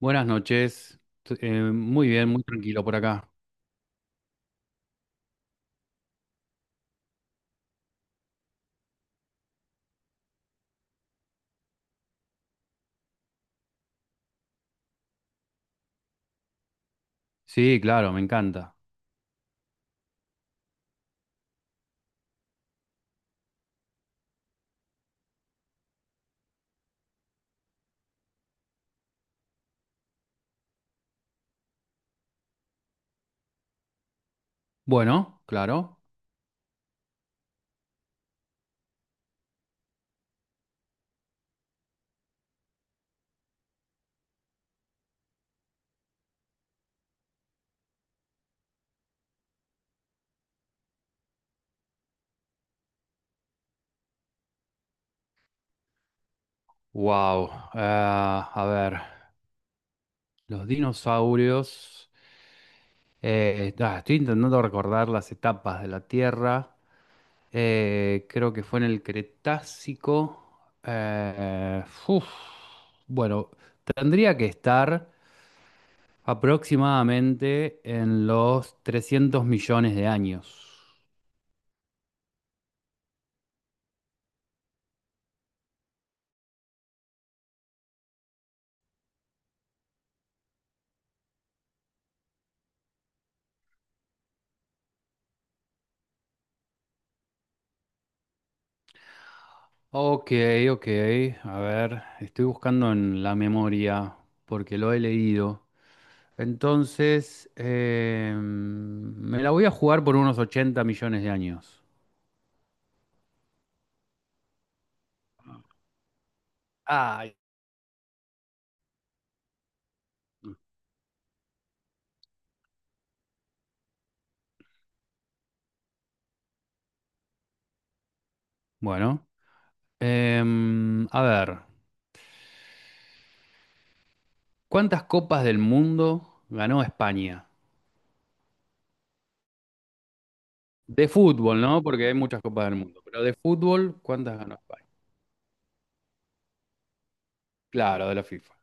Buenas noches. Muy bien, muy tranquilo por acá. Sí, claro, me encanta. Bueno, claro. Wow, a ver, los dinosaurios. Estoy intentando recordar las etapas de la Tierra. Creo que fue en el Cretácico. Uf. Bueno, tendría que estar aproximadamente en los 300 millones de años. Ok, ok. A ver, estoy buscando en la memoria porque lo he leído. Entonces, me la voy a jugar por unos 80 millones de años. Ay. Bueno, a ver, ¿cuántas copas del mundo ganó España? De fútbol, ¿no? Porque hay muchas copas del mundo, pero de fútbol, ¿cuántas ganó España? Claro, de la FIFA.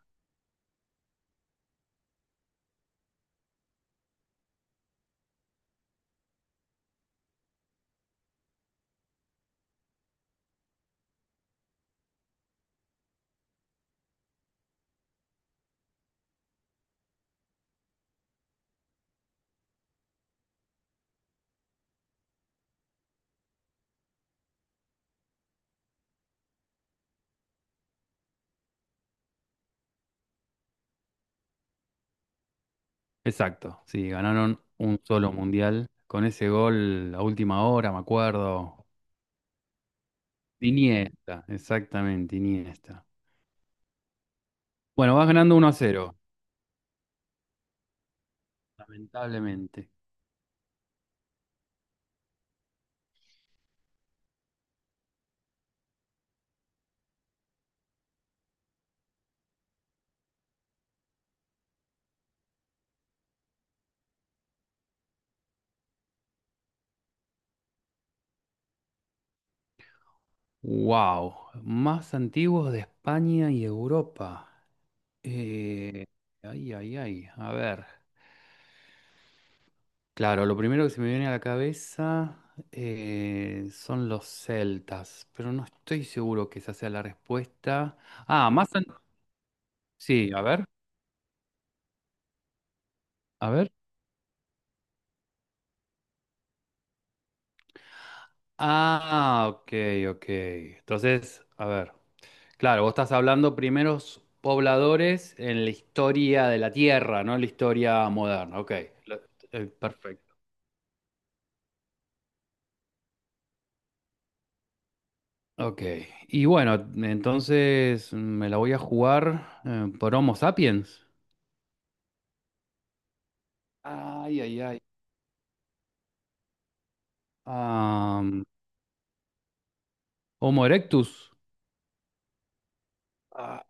Exacto, sí, ganaron un solo mundial con ese gol a última hora, me acuerdo. Iniesta, exactamente, Iniesta. Bueno, vas ganando 1-0, lamentablemente. Wow, más antiguos de España y Europa. Eh, ay, ay, ay, a ver. Claro, lo primero que se me viene a la cabeza son los celtas, pero no estoy seguro que esa sea la respuesta. Ah, más... an- Sí, a ver, a ver. Ah, ok, ok. Entonces, a ver. Claro, vos estás hablando primeros pobladores en la historia de la Tierra, no la historia moderna. Ok, lo- perfecto. Ok, y bueno, entonces me la voy a jugar por Homo sapiens. Ay, ay, ay. Am, Homo erectus. Ah,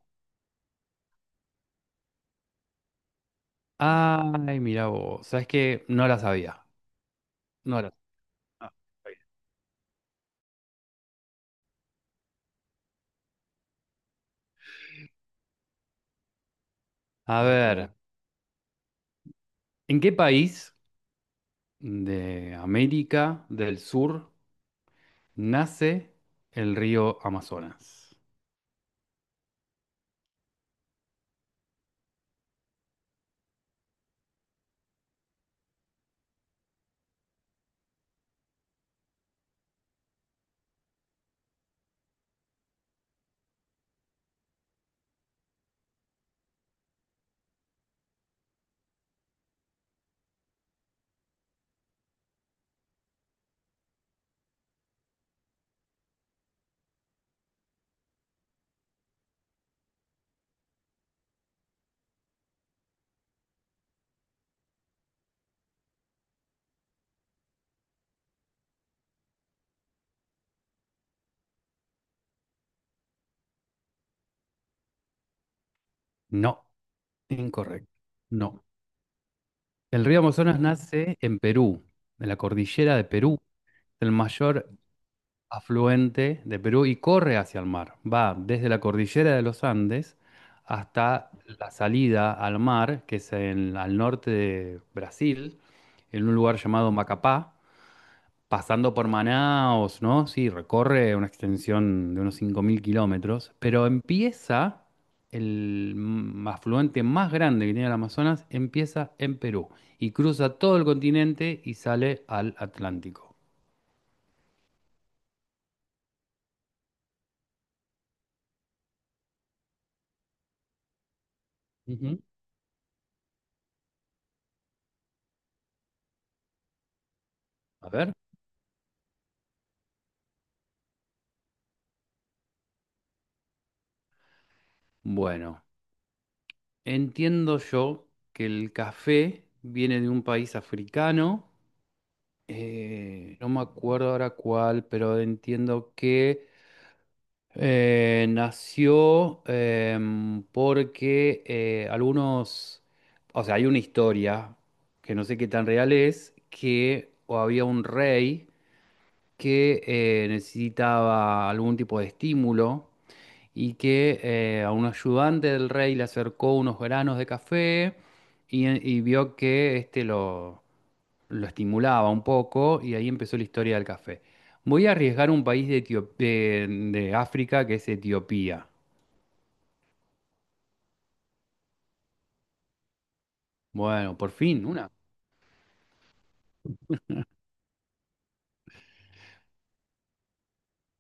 ay, mira vos, sabes que no la sabía. No la ah, está bien. A ver, ¿en qué país de América del Sur nace el río Amazonas? No, incorrecto. No. El río Amazonas nace en Perú, en la cordillera de Perú, el mayor afluente de Perú y corre hacia el mar. Va desde la cordillera de los Andes hasta la salida al mar, que es al norte de Brasil, en un lugar llamado Macapá, pasando por Manaos, ¿no? Sí, recorre una extensión de unos 5000 kilómetros, pero empieza, el afluente más grande que tiene el Amazonas, empieza en Perú y cruza todo el continente y sale al Atlántico. Ujú. A ver. Bueno, entiendo yo que el café viene de un país africano, no me acuerdo ahora cuál, pero entiendo que... nació porque algunos, o sea, hay una historia que no sé qué tan real es, que o había un rey que necesitaba algún tipo de estímulo y que a un ayudante del rey le acercó unos granos de café y vio que este lo estimulaba un poco y ahí empezó la historia del café. Voy a arriesgar un país de Etio- de de África, que es Etiopía. Bueno, por fin, una.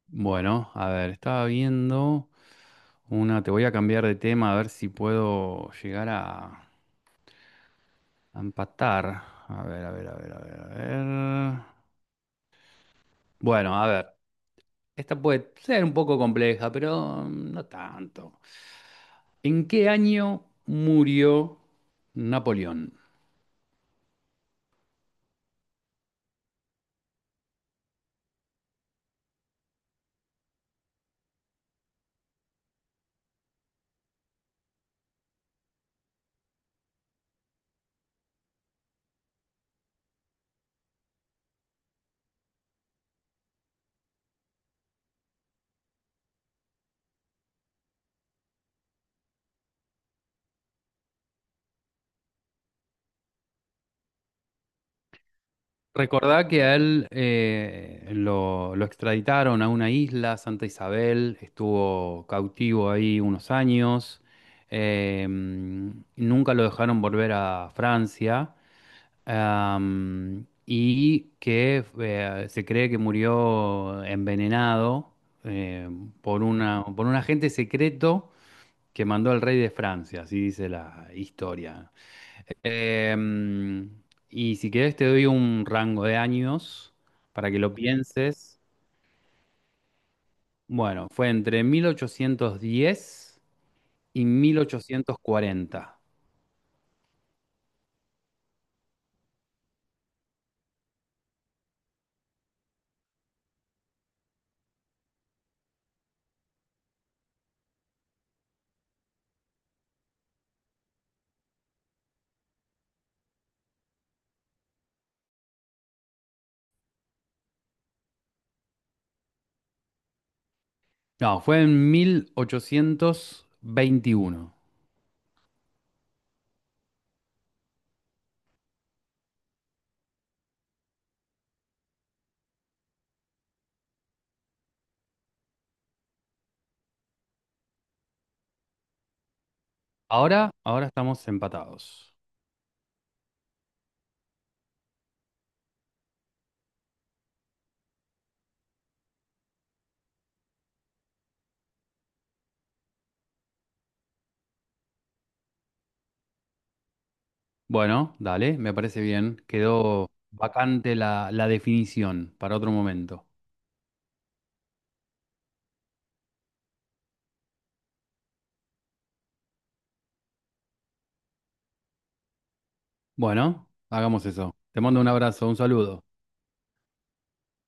Bueno, a ver, estaba viendo una, te voy a cambiar de tema a ver si puedo llegar a empatar. A ver, a ver, a ver, a ver, a ver. Bueno, a ver, esta puede ser un poco compleja, pero no tanto. ¿En qué año murió Napoleón? Recordá que a él lo extraditaron a una isla, Santa Isabel, estuvo cautivo ahí unos años, nunca lo dejaron volver a Francia, y que se cree que murió envenenado, eh, por un agente secreto que mandó al rey de Francia, así dice la historia. Em, y si querés te doy un rango de años para que lo pienses. Bueno, fue entre 1810 y 1840. No, fue en 1821. Ahora, ahora estamos empatados. Bueno, dale, me parece bien. Quedó vacante la definición para otro momento. Bueno, hagamos eso. Te mando un abrazo, un saludo.